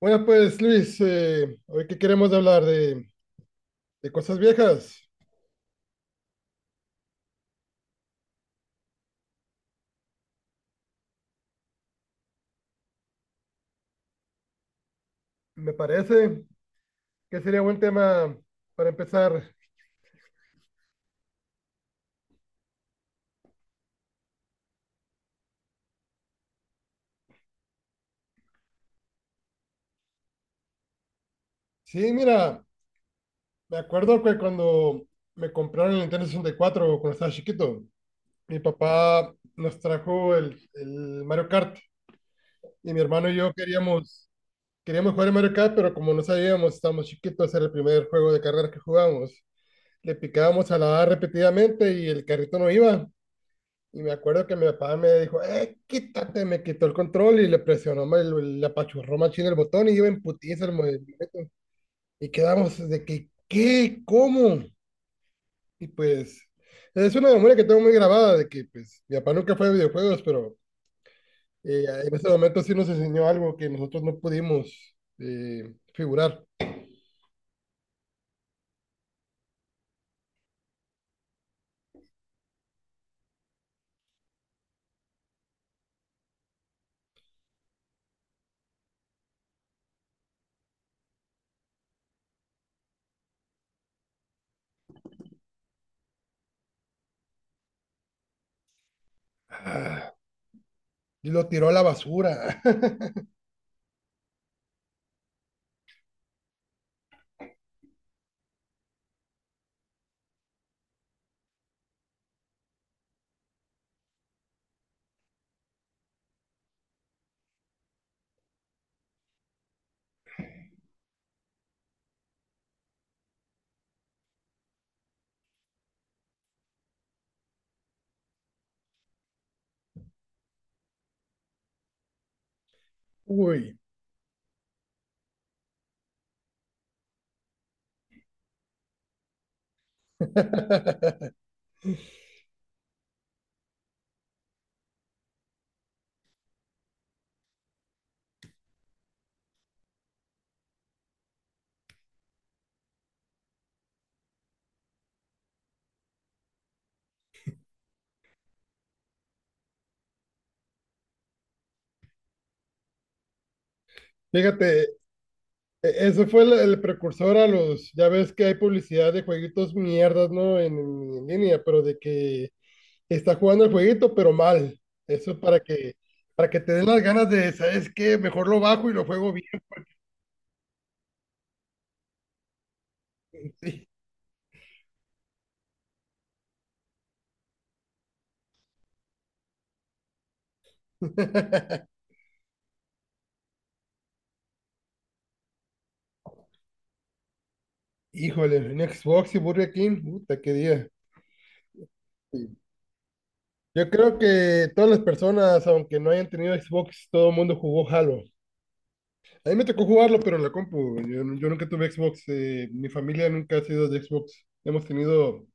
Bueno, pues Luis, hoy que queremos hablar de cosas viejas, me parece que sería buen tema para empezar. Sí, mira, me acuerdo que cuando me compraron el Nintendo 64, cuando estaba chiquito, mi papá nos trajo el Mario Kart y mi hermano y yo queríamos jugar el Mario Kart, pero como no sabíamos, estábamos chiquitos, era el primer juego de carreras que jugábamos. Le picábamos a la A repetidamente y el carrito no iba. Y me acuerdo que mi papá me dijo, quítate, me quitó el control y le presionó, le apachurró machín el botón y iba en putiza el movimiento. Y quedamos de que, ¿qué? ¿Cómo? Y pues, es una memoria que tengo muy grabada de que, pues, mi papá nunca fue de videojuegos, pero en ese momento sí nos enseñó algo que nosotros no pudimos figurar. Ah, y lo tiró a la basura. Uy. Fíjate, eso fue el precursor a los, ya ves que hay publicidad de jueguitos mierdas, ¿no? En línea, pero de que está jugando el jueguito, pero mal. Eso para que te den las ganas de, ¿sabes qué? Mejor lo bajo y lo juego bien, sí. Híjole, un Xbox y Burger King, puta, qué día. Sí. Yo creo que todas las personas, aunque no hayan tenido Xbox, todo el mundo jugó Halo. A mí me tocó jugarlo, pero en la compu. Yo nunca tuve Xbox. Mi familia nunca ha sido de Xbox. Hemos tenido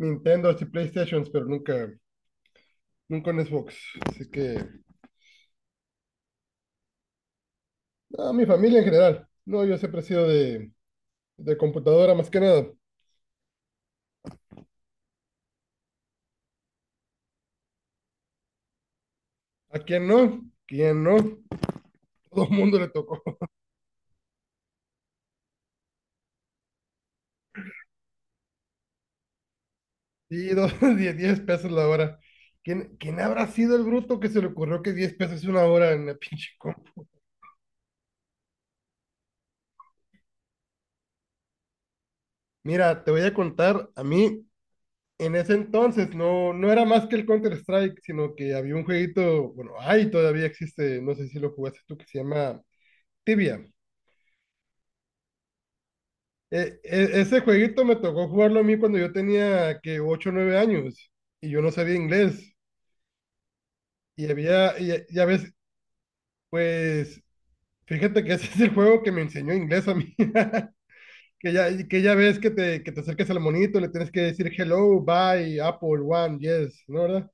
Nintendo y PlayStation, pero nunca, nunca un Xbox. Así que, a mi familia en general. No, yo siempre he sido de computadora más que nada. ¿A quién no? ¿Quién no? Todo el mundo le tocó. Sí, 10, pesos la hora. ¿Quién, quién habrá sido el bruto que se le ocurrió que 10 pesos es una hora en la pinche compu? Mira, te voy a contar, a mí en ese entonces no era más que el Counter-Strike, sino que había un jueguito, bueno, ahí todavía existe, no sé si lo jugaste tú, que se llama Tibia. Ese jueguito me tocó jugarlo a mí cuando yo tenía que 8 o 9 años y yo no sabía inglés. Y había, y, ya ves, pues fíjate que ese es el juego que me enseñó inglés a mí. Que ya ves que te acerques al monito, le tienes que decir hello, bye, Apple, one, yes, ¿no, verdad?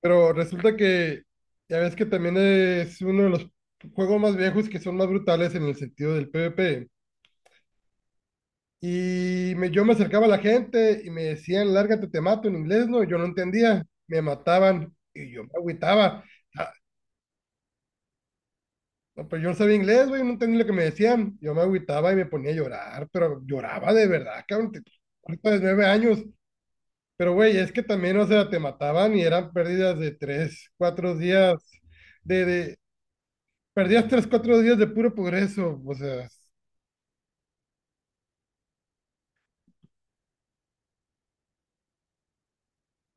Pero resulta que ya ves que también es uno de los juegos más viejos que son más brutales en el sentido del PvP. Yo me acercaba a la gente y me decían, lárgate, te mato en inglés, ¿no? Y yo no entendía, me mataban y yo me agüitaba. Ah, no, pero yo no sabía inglés, güey, no entendía lo que me decían. Yo me agüitaba y me ponía a llorar, pero lloraba de verdad, cabrón, ahorita de nueve años. Pero, güey, es que también, o sea, te mataban y eran pérdidas de tres, cuatro días, de, de, perdías tres, cuatro días de puro progreso, o sea,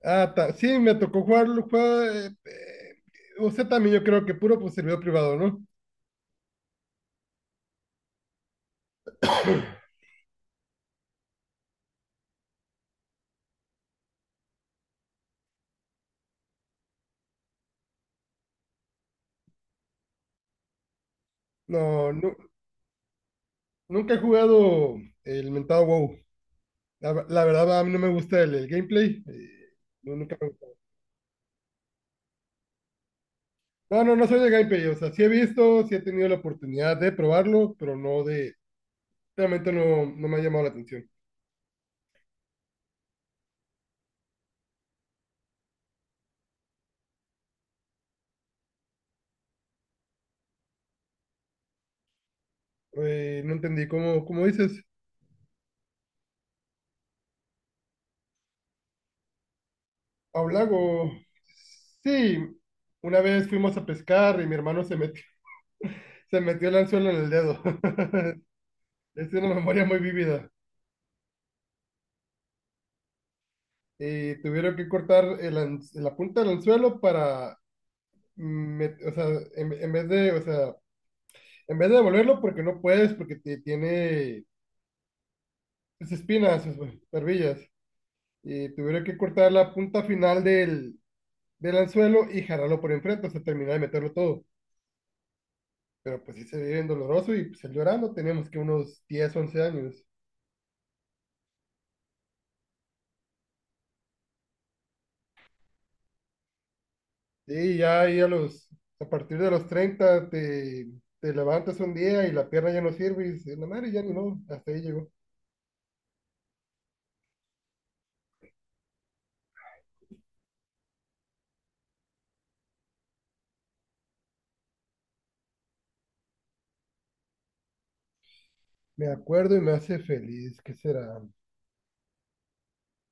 Ah, sí, me tocó jugarlo, juega, o sea, también yo creo que puro pues servidor privado, ¿no? No, nunca he jugado el mentado WoW. La la verdad, a mí no me gusta el gameplay. No, nunca me gusta. No, no, no soy de gameplay. O sea, sí he visto, sí he tenido la oportunidad de probarlo, pero no de... Realmente no, no me ha llamado la atención. No entendí cómo, cómo dices. A un lago. Sí, una vez fuimos a pescar y mi hermano se metió el anzuelo en el dedo. Es una memoria muy vívida. Y tuvieron que cortar la punta del anzuelo para, o sea, en vez de, o sea, en vez de devolverlo porque no puedes, porque tiene sus espinas, sus barbillas. Y tuvieron que cortar la punta final del anzuelo y jalarlo por enfrente, o sea, terminar de meterlo todo. Pero pues sí se ve bien doloroso y pues él llorando, teníamos que unos 10 u 11 años. Sí, ya ahí a los, a partir de los 30 te, te levantas un día y la pierna ya no sirve y dices, no madre, ya ni no, hasta ahí llegó. Me acuerdo y me hace feliz, ¿qué será?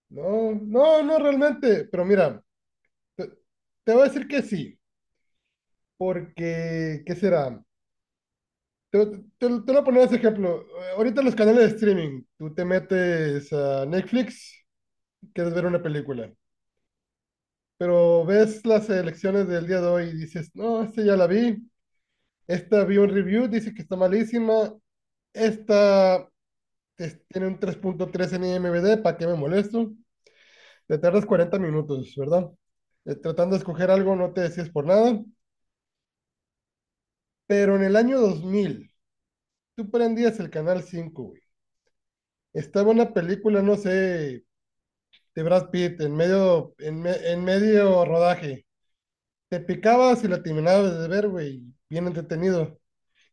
No, no, no realmente, pero mira, te, te voy a decir que sí, porque, ¿qué será? Te lo voy a poner ese ejemplo. Ahorita los canales de streaming, tú te metes a Netflix, quieres ver una película, pero ves las elecciones del día de hoy y dices, no, esta ya la vi, esta vi un review, dice que está malísima. Esta tiene un 3.3 en IMDb, ¿para qué me molesto? Te tardas 40 minutos, ¿verdad? Tratando de escoger algo no te decías por nada. Pero en el año 2000, tú prendías el canal cinco. Güey. Estaba una película, no sé, de Brad Pitt en medio, en medio rodaje. Te picabas y la terminabas de ver, güey. Bien entretenido.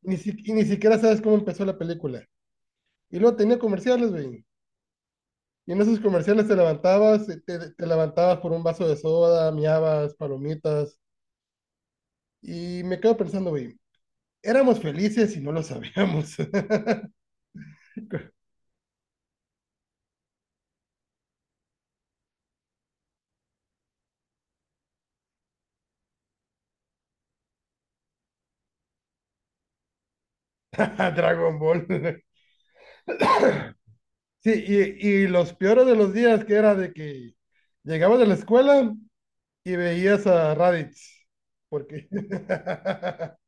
Ni si- Y ni siquiera sabes cómo empezó la película. Y luego tenía comerciales, güey. Y en esos comerciales te levantabas, te levantabas por un vaso de soda, miabas, palomitas. Y me quedo pensando, güey, éramos felices y no lo sabíamos. Dragon Ball. Sí, y los peores de los días que era de que llegabas de la escuela y veías a Raditz. Porque.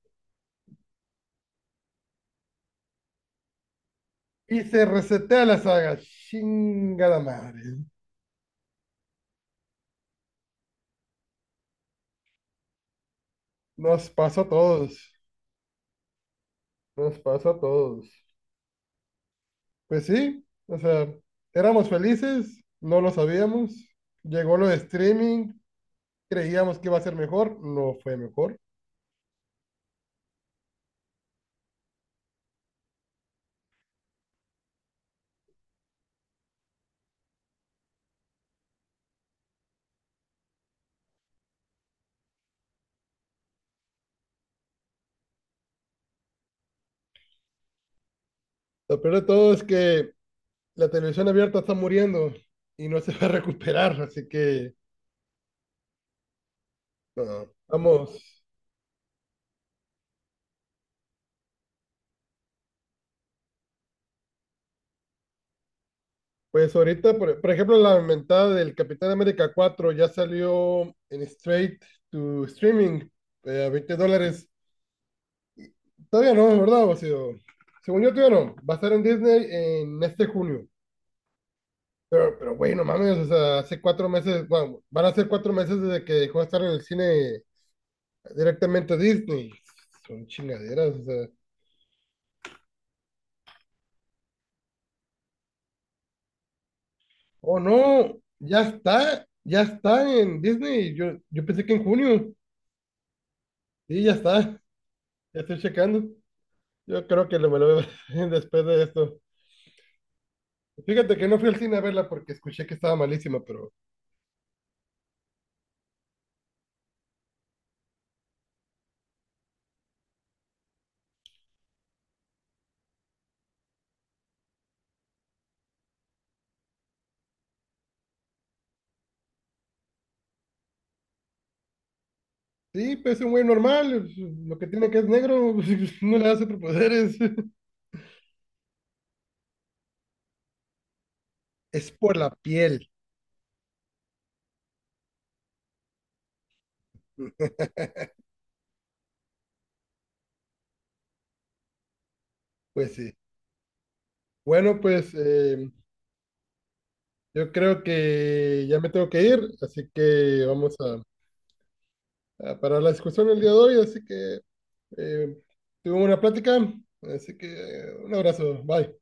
Y se resetea la saga. Chingada madre. Nos pasó a todos. Nos pasó a todos. Pues sí, o sea, éramos felices, no lo sabíamos. Llegó lo de streaming, creíamos que iba a ser mejor, no fue mejor. Lo peor de todo es que la televisión abierta está muriendo y no se va a recuperar, así que no, vamos. Pues ahorita, por ejemplo, la inventada del Capitán América 4 ya salió en straight to streaming a $20. Todavía no, ¿verdad, Basilio? Según yo, todavía no. Va a estar en Disney en este junio. Pero güey, no mames, o sea, hace 4 meses, bueno, van a ser 4 meses desde que dejó de estar en el cine directamente Disney. Son chingaderas, o sea. Oh, no, ya está en Disney. Yo pensé que en junio. Sí, ya está, ya estoy checando. Yo creo que lo me lo veo después de esto. Fíjate que no fui al cine a verla porque escuché que estaba malísima, pero sí, pues es un güey normal, lo que tiene que es negro, no le da superpoderes. Es por la piel, pues sí. Bueno, pues yo creo que ya me tengo que ir, así que vamos a parar la discusión el día de hoy, así que eh, tuve una plática, así que un abrazo, bye.